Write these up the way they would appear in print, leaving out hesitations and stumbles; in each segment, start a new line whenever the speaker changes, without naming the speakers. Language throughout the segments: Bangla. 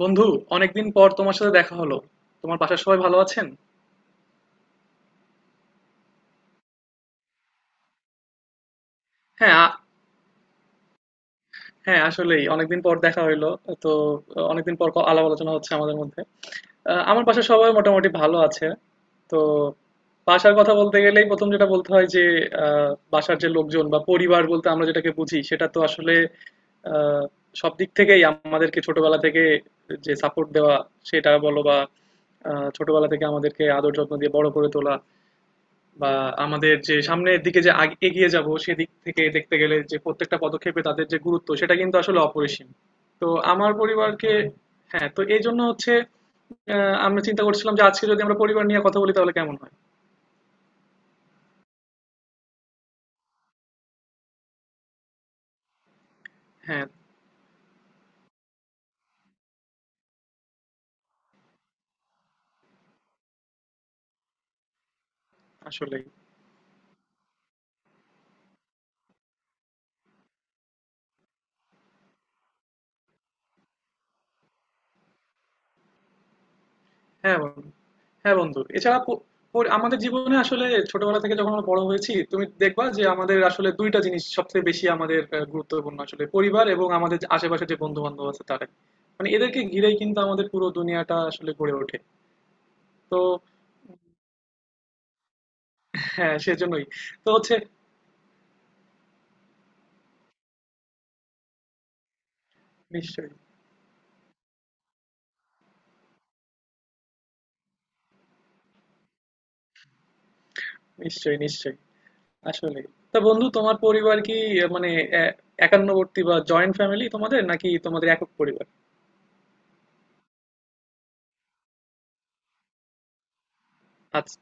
বন্ধু, অনেকদিন পর তোমার সাথে দেখা হলো। তোমার বাসার সবাই ভালো আছেন? হ্যাঁ আ- হ্যাঁ, আসলেই অনেকদিন পর দেখা হইলো। তো অনেকদিন পর আলাপ আলোচনা হচ্ছে আমাদের মধ্যে। আমার বাসার সবাই মোটামুটি ভালো আছে। তো বাসার কথা বলতে গেলেই প্রথম যেটা বলতে হয় যে বাসার যে লোকজন বা পরিবার বলতে আমরা যেটাকে বুঝি সেটা তো আসলে আহ, সব দিক থেকেই আমাদেরকে ছোটবেলা থেকে যে সাপোর্ট দেওয়া সেটা বলো বা ছোটবেলা থেকে আমাদেরকে আদর যত্ন দিয়ে বড় করে তোলা, বা আমাদের যে সামনের দিকে যে এগিয়ে যাব সেদিক থেকে দেখতে গেলে যে প্রত্যেকটা পদক্ষেপে তাদের যে গুরুত্ব সেটা কিন্তু আসলে অপরিসীম। তো আমার পরিবারকে, হ্যাঁ তো এই জন্য হচ্ছে আমরা চিন্তা করছিলাম যে আজকে যদি আমরা পরিবার নিয়ে কথা বলি তাহলে কেমন হয়। হ্যাঁ আসলে, হ্যাঁ বন্ধু, হ্যাঁ বন্ধু এছাড়া আমাদের জীবনে আসলে ছোটবেলা থেকে যখন আমরা বড় হয়েছি তুমি দেখবা যে আমাদের আসলে দুইটা জিনিস সবচেয়ে বেশি আমাদের গুরুত্বপূর্ণ, আসলে পরিবার এবং আমাদের যে আশেপাশে যে বন্ধু বান্ধব আছে তারা। মানে এদেরকে ঘিরেই কিন্তু আমাদের পুরো দুনিয়াটা আসলে গড়ে ওঠে। তো হ্যাঁ সেজন্যই, তো হচ্ছে, নিশ্চয়ই নিশ্চয়ই। নিশ্চয়ই আসলে, তা বন্ধু তোমার পরিবার কি মানে এ- একান্নবর্তী বা জয়েন্ট ফ্যামিলি তোমাদের, নাকি তোমাদের একক পরিবার? আচ্ছা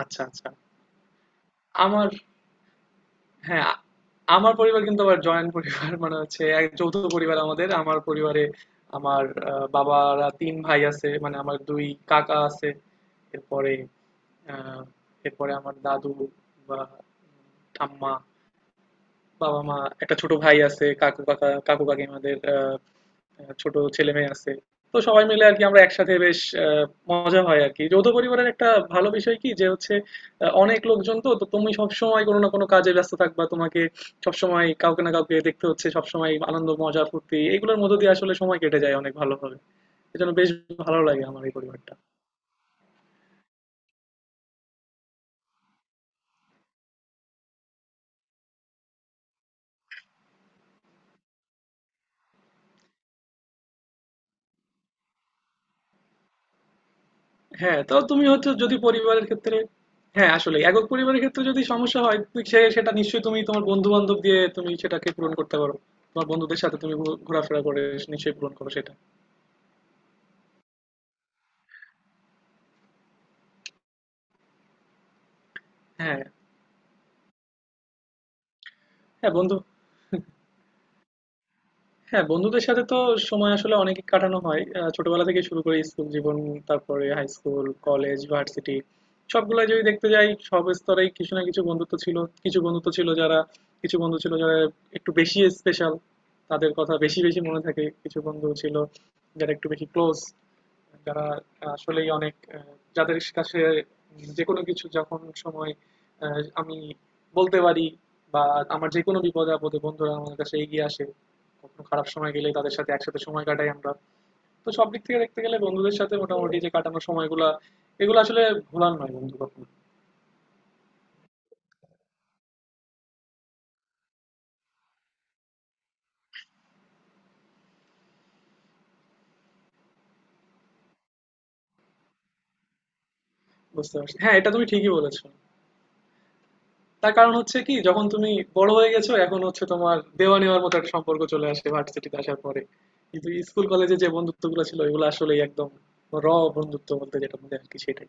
আচ্ছা আচ্ছা। আমার, হ্যাঁ, আমার পরিবার কিন্তু আবার জয়েন্ট পরিবার, মানে হচ্ছে এক যৌথ পরিবার আমাদের। আমার পরিবারে আমার বাবারা তিন ভাই আছে, মানে আমার দুই কাকা আছে। এরপরে আহ, এরপরে আমার দাদু বা ঠাম্মা, বাবা-মা, একটা ছোট ভাই আছে, কাকু-কাকা, কাকু-কাকিমাদের ছোট ছেলেমেয়ে আছে। তো সবাই মিলে আরকি আমরা একসাথে বেশ আ মজা হয় আরকি। যৌথ পরিবারের একটা ভালো বিষয় কি যে হচ্ছে অনেক লোকজন, তো তুমি সবসময় কোনো না কোনো কাজে ব্যস্ত থাকবা। তোমাকে সবসময় কাউকে না কাউকে দেখতে হচ্ছে, সবসময় আনন্দ, মজা, ফুর্তি এগুলোর মধ্য দিয়ে আসলে সময় কেটে যায় অনেক ভালোভাবে। এজন্য বেশ ভালো লাগে আমার এই পরিবারটা। হ্যাঁ তো তুমি হচ্ছে যদি পরিবারের ক্ষেত্রে, হ্যাঁ আসলে একক পরিবারের ক্ষেত্রে যদি সমস্যা হয় তুই সেটা নিশ্চয়ই তুমি তোমার বন্ধু বান্ধব দিয়ে তুমি সেটাকে পূরণ করতে পারো। তোমার বন্ধুদের সাথে তুমি ঘোরাফেরা করে নিশ্চয়ই পূরণ করো সেটা। হ্যাঁ হ্যাঁ বন্ধু, হ্যাঁ বন্ধুদের সাথে তো সময় আসলে অনেক কাটানো হয়। ছোটবেলা থেকে শুরু করে স্কুল জীবন, তারপরে হাই স্কুল, কলেজ, ভার্সিটি, সবগুলো যদি দেখতে যাই সব স্তরেই কিছু না কিছু বন্ধুত্ব ছিল। কিছু বন্ধুত্ব ছিল যারা, কিছু বন্ধু ছিল যারা একটু বেশি স্পেশাল, তাদের কথা বেশি বেশি মনে থাকে। কিছু বন্ধু ছিল যারা একটু বেশি ক্লোজ, যারা আসলেই অনেক যাদের কাছে যে কোনো কিছু যখন সময় আমি বলতে পারি, বা আমার যে কোনো বিপদে আপদে বন্ধুরা আমার কাছে এগিয়ে আসে। কখনো খারাপ সময় গেলে তাদের সাথে একসাথে সময় কাটাই আমরা। তো সব দিক থেকে দেখতে গেলে বন্ধুদের সাথে মোটামুটি যে কাটানো সময়গুলা এগুলো আসলে ভোলার নয় বন্ধু কখনো। বুঝতে পারছি, হ্যাঁ এটা তুমি ঠিকই বলেছো। তার কারণ হচ্ছে কি, যখন তুমি বড় হয়ে গেছো এখন হচ্ছে তোমার দেওয়া নেওয়ার মতো একটা সম্পর্ক চলে আসে ভার্সিটিতে আসার পরে, কিন্তু স্কুল কলেজে যে বন্ধুত্বগুলো ছিল এগুলো আসলেই একদম র বন্ধুত্ব বলতে যেটা বলে আর কি সেটাই।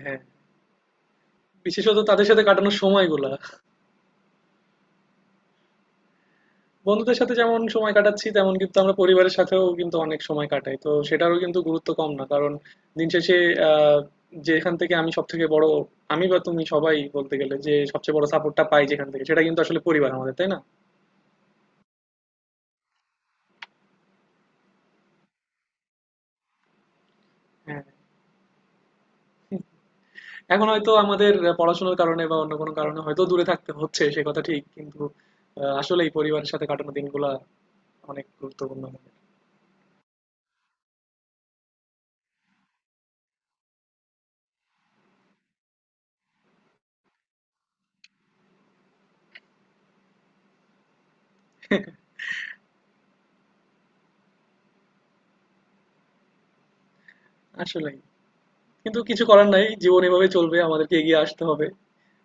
হ্যাঁ বিশেষত তাদের সাথে কাটানোর সময়গুলা। বন্ধুদের সাথে যেমন সময় কাটাচ্ছি তেমন কিন্তু আমরা পরিবারের সাথেও কিন্তু অনেক সময় কাটাই, তো সেটারও কিন্তু গুরুত্ব কম না কারণ দিন শেষে আহ, যেখান থেকে আমি সব থেকে বড়, আমি বা তুমি সবাই বলতে গেলে যে সবচেয়ে বড় সাপোর্টটা পাই যেখান থেকে সেটা কিন্তু আসলে পরিবার আমাদের, তাই না? হ্যাঁ এখন হয়তো আমাদের পড়াশোনার কারণে বা অন্য কোনো কারণে হয়তো দূরে থাকতে হচ্ছে, সে কথা ঠিক, কিন্তু আসলেই পরিবারের সাথে কাটানো দিনগুলা অনেক গুরুত্বপূর্ণ আমাদের। আসলেই কিন্তু কিছু করার নাই, জীবন এভাবে চলবে, আমাদেরকে এগিয়ে আসতে হবে।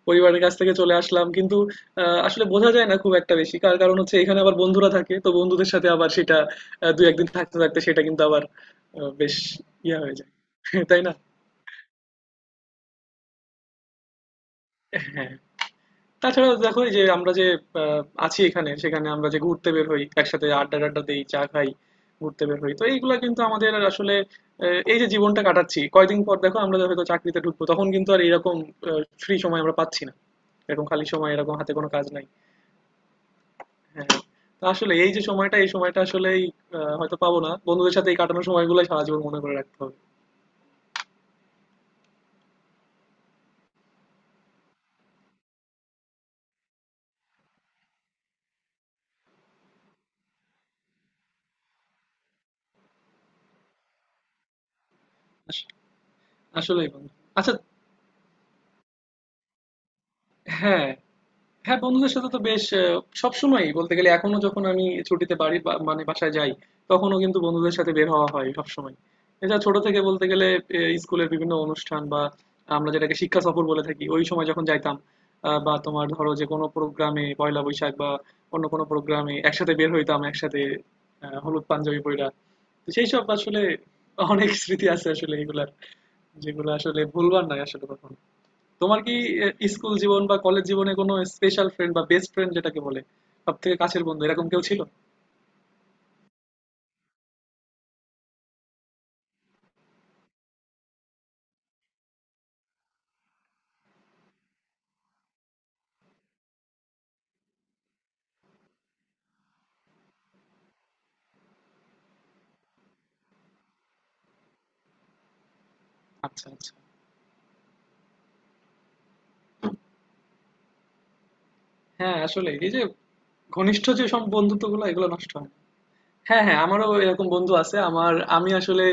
পরিবারের কাছ থেকে চলে আসলাম, কিন্তু আসলে বোঝা যায় না খুব একটা বেশি, কার কারণ হচ্ছে এখানে আবার বন্ধুরা থাকে তো বন্ধুদের সাথে আবার সেটা দু একদিন থাকতে থাকতে সেটা কিন্তু আবার বেশ ইয়া হয়ে যায় তাই না? হ্যাঁ, তাছাড়া দেখো এই যে আমরা যে আছি এখানে, সেখানে আমরা যে ঘুরতে বের হই, একসাথে আড্ডা টাড্ডা দিই, চা খাই, ঘুরতে বের হই, তো এইগুলা কিন্তু আমাদের আসলে এই যে জীবনটা কাটাচ্ছি, কয়দিন পর দেখো আমরা হয়তো চাকরিতে ঢুকবো, তখন কিন্তু আর এরকম ফ্রি সময় আমরা পাচ্ছি না, এরকম খালি সময় এরকম হাতে কোনো কাজ নাই। হ্যাঁ হ্যাঁ। তো আসলে এই যে সময়টা, এই সময়টা আসলেই হয়তো পাবো না, বন্ধুদের সাথে এই কাটানোর সময়গুলো সারা জীবন মনে করে রাখতে হবে। আস- আসলেই বন্ধু। আচ্ছা, হ্যাঁ হ্যাঁ, বন্ধুদের সাথে তো বেশ সবসময়ই বলতে গেলে, এখনো যখন আমি ছুটিতে বাড়ি বা মানে বাসায় যাই, তখনও কিন্তু বন্ধুদের সাথে বের হওয়া হয় সবসময়। এছাড়া ছোট থেকে বলতে গেলে এ স্কুলের বিভিন্ন অনুষ্ঠান বা আমরা যেটাকে শিক্ষা সফর বলে থাকি, ওই সময় যখন যাইতাম বা তোমার ধরো যে কোনো প্রোগ্রামে পহেলা বৈশাখ বা অন্য কোনো প্রোগ্রামে একসাথে বের হইতাম, একসাথে হলুদ পাঞ্জাবি পইড়া। তো সেইসব আসলে অনেক স্মৃতি আছে আসলে এগুলার, যেগুলো আসলে ভুলবার নয় আসলে কখনো। তোমার কি স্কুল জীবন বা কলেজ জীবনে কোনো স্পেশাল ফ্রেন্ড বা বেস্ট ফ্রেন্ড যেটাকে বলে সব থেকে কাছের বন্ধু, এরকম কেউ ছিল? আচ্ছা আচ্ছা। হ্যাঁ আসলে এই যে ঘনিষ্ঠ যে সব বন্ধুত্ব গুলো এগুলো নষ্ট হয় না। হ্যাঁ হ্যাঁ আমারও এরকম বন্ধু আছে। আমার, আমি আসলে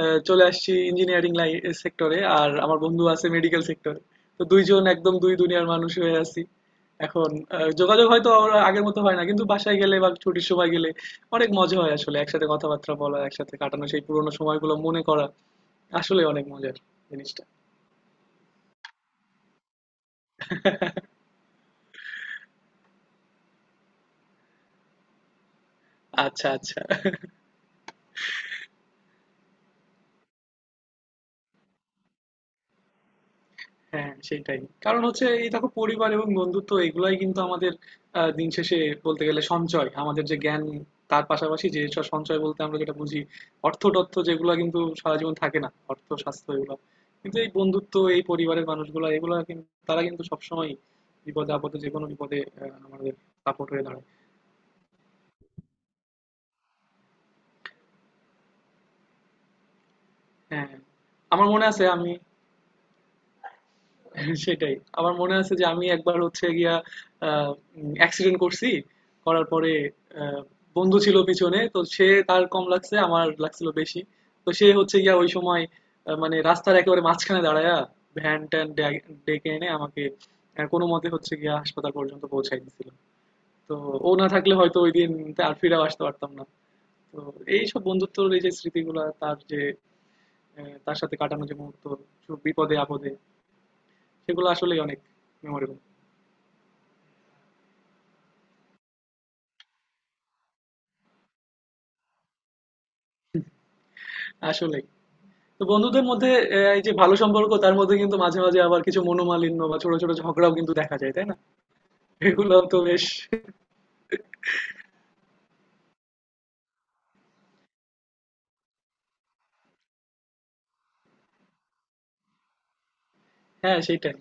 চলে আসছি ইঞ্জিনিয়ারিং লাইন সেক্টরে, আর আমার বন্ধু আছে মেডিকেল সেক্টরে। তো দুইজন একদম দুই দুনিয়ার মানুষ হয়ে আছি এখন। যোগাযোগ হয়তো আর আগের মতো হয় না, কিন্তু বাসায় গেলে বা ছুটির সময় গেলে অনেক মজা হয় আসলে, একসাথে কথাবার্তা বলা, একসাথে কাটানো সেই পুরোনো সময়গুলো মনে করা আসলে অনেক মজার জিনিসটা। আচ্ছা আচ্ছা। হ্যাঁ সেটাই, কারণ হচ্ছে এই দেখো পরিবার এবং বন্ধুত্ব এগুলাই কিন্তু আমাদের দিন শেষে বলতে গেলে সঞ্চয়, আমাদের যে জ্ঞান তার পাশাপাশি যে সব সঞ্চয় বলতে আমরা যেটা বুঝি অর্থ টর্থ, যেগুলো কিন্তু সারা জীবন থাকে না, অর্থ স্বাস্থ্য এগুলো। কিন্তু এই বন্ধুত্ব এই পরিবারের মানুষগুলো এগুলো কিন্তু, তারা কিন্তু সবসময় বিপদে আপদে যে কোনো বিপদে আমাদের সাপোর্ট হয়ে দাঁড়ায়। হ্যাঁ আমার মনে আছে আমি সেটাই। আমার মনে আছে যে আমি একবার হচ্ছে গিয়া আহ অ্যাক্সিডেন্ট করছি। করার পরে আহ বন্ধু ছিল পিছনে। তো সে, তার কম লাগছে, আমার লাগছিল বেশি। তো সে হচ্ছে গিয়া ওই সময় মানে রাস্তার একেবারে মাঝখানে দাঁড়ায়া ভ্যান-ট্যান ডেকে এনে আমাকে কোনোমতে হচ্ছে গিয়া হাসপাতাল পর্যন্ত পৌঁছায় দিছিল। তো ও না থাকলে হয়তো ওইদিন আর ফিরেও আসতে পারতাম না। তো এইসব বন্ধুত্বর এই যে স্মৃতিগুলা, তার যে তার সাথে কাটানো যে মুহূর্ত, সব বিপদে আপদে, সেগুলো আসলেই অনেক মেমোরেবল। আসলেই। তো বন্ধুদের মধ্যে এ এই যে ভালো সম্পর্ক তার মধ্যে কিন্তু মাঝে মাঝে আবার কিছু মনোমালিন্য বা ছোট, ছোট ঝগড়াও কিন্তু দেখা যায়, তাই না? এগুলাও তো বেশ, হ্যাঁ, সেটাই।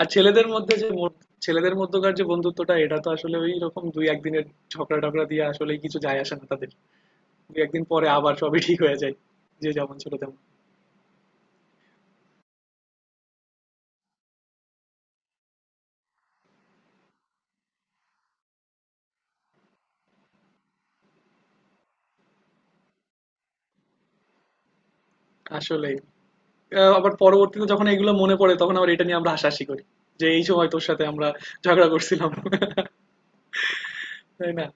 আর ছেলেদের মধ্যে যে মো, ছেলেদের মধ্যকার যে বন্ধুত্বটা এটা তো আসলে ঐরকম ২-১ দিনের ঝগড়া-টগড়া দিয়ে আসলেই কিছু যায় আসে না তাদের। ২-১ দিন পরে আবার সবই ঠিক হয়ে যায়। যে যেমন ছিল তেমন। আসলেই। আবার পরবর্তীতে যখন এগুলো মনে পড়ে তখন আবার এটা নিয়ে আমরা হাসাহাসি করি, যে এই সময় তোর সাথে আমরা ঝগড়া করছিলাম, তাই না?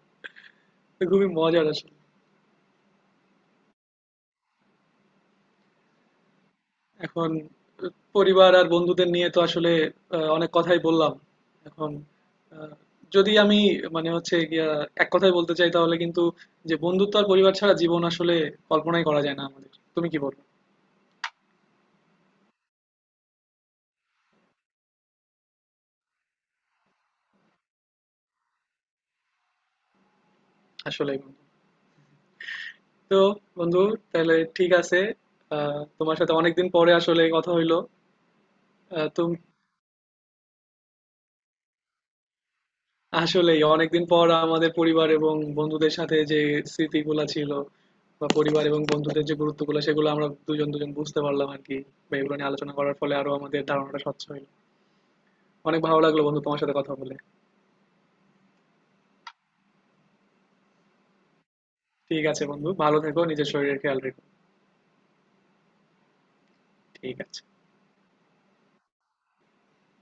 তো খুবই মজার আসলে। এখন পরিবার আর বন্ধুদের নিয়ে তো আসলে অনেক কথাই বললাম। এখন আহ, যদি আমি মানে হচ্ছে গিয়া এক কথায় বলতে চাই তাহলে কিন্তু যে বন্ধুত্ব আর পরিবার ছাড়া জীবন আসলে কল্পনাই করা যায় না আমাদের, তুমি কি বলবো। আসলে বন্ধু, তো বন্ধু, তাহলে ঠিক আছে। তোমার সাথে অনেকদিন পরে আসলে কথা হইলো। তুমি, আসলেই অনেকদিন পর আমাদের পরিবার এবং বন্ধুদের সাথে যে স্মৃতিগুলা ছিল বা পরিবার এবং বন্ধুদের যে গুরুত্বগুলো সেগুলো আমরা দুজন দুজন বুঝতে পারলাম আর কি, বা এগুলো নিয়ে আলোচনা করার ফলে আরো আমাদের ধারণাটা স্বচ্ছ হলো। অনেক ভালো লাগলো বন্ধু তোমার সাথে কথা বলে। ঠিক আছে বন্ধু, ভালো থেকো, নিজের শরীরের খেয়াল রেখো। ঠিক আছে।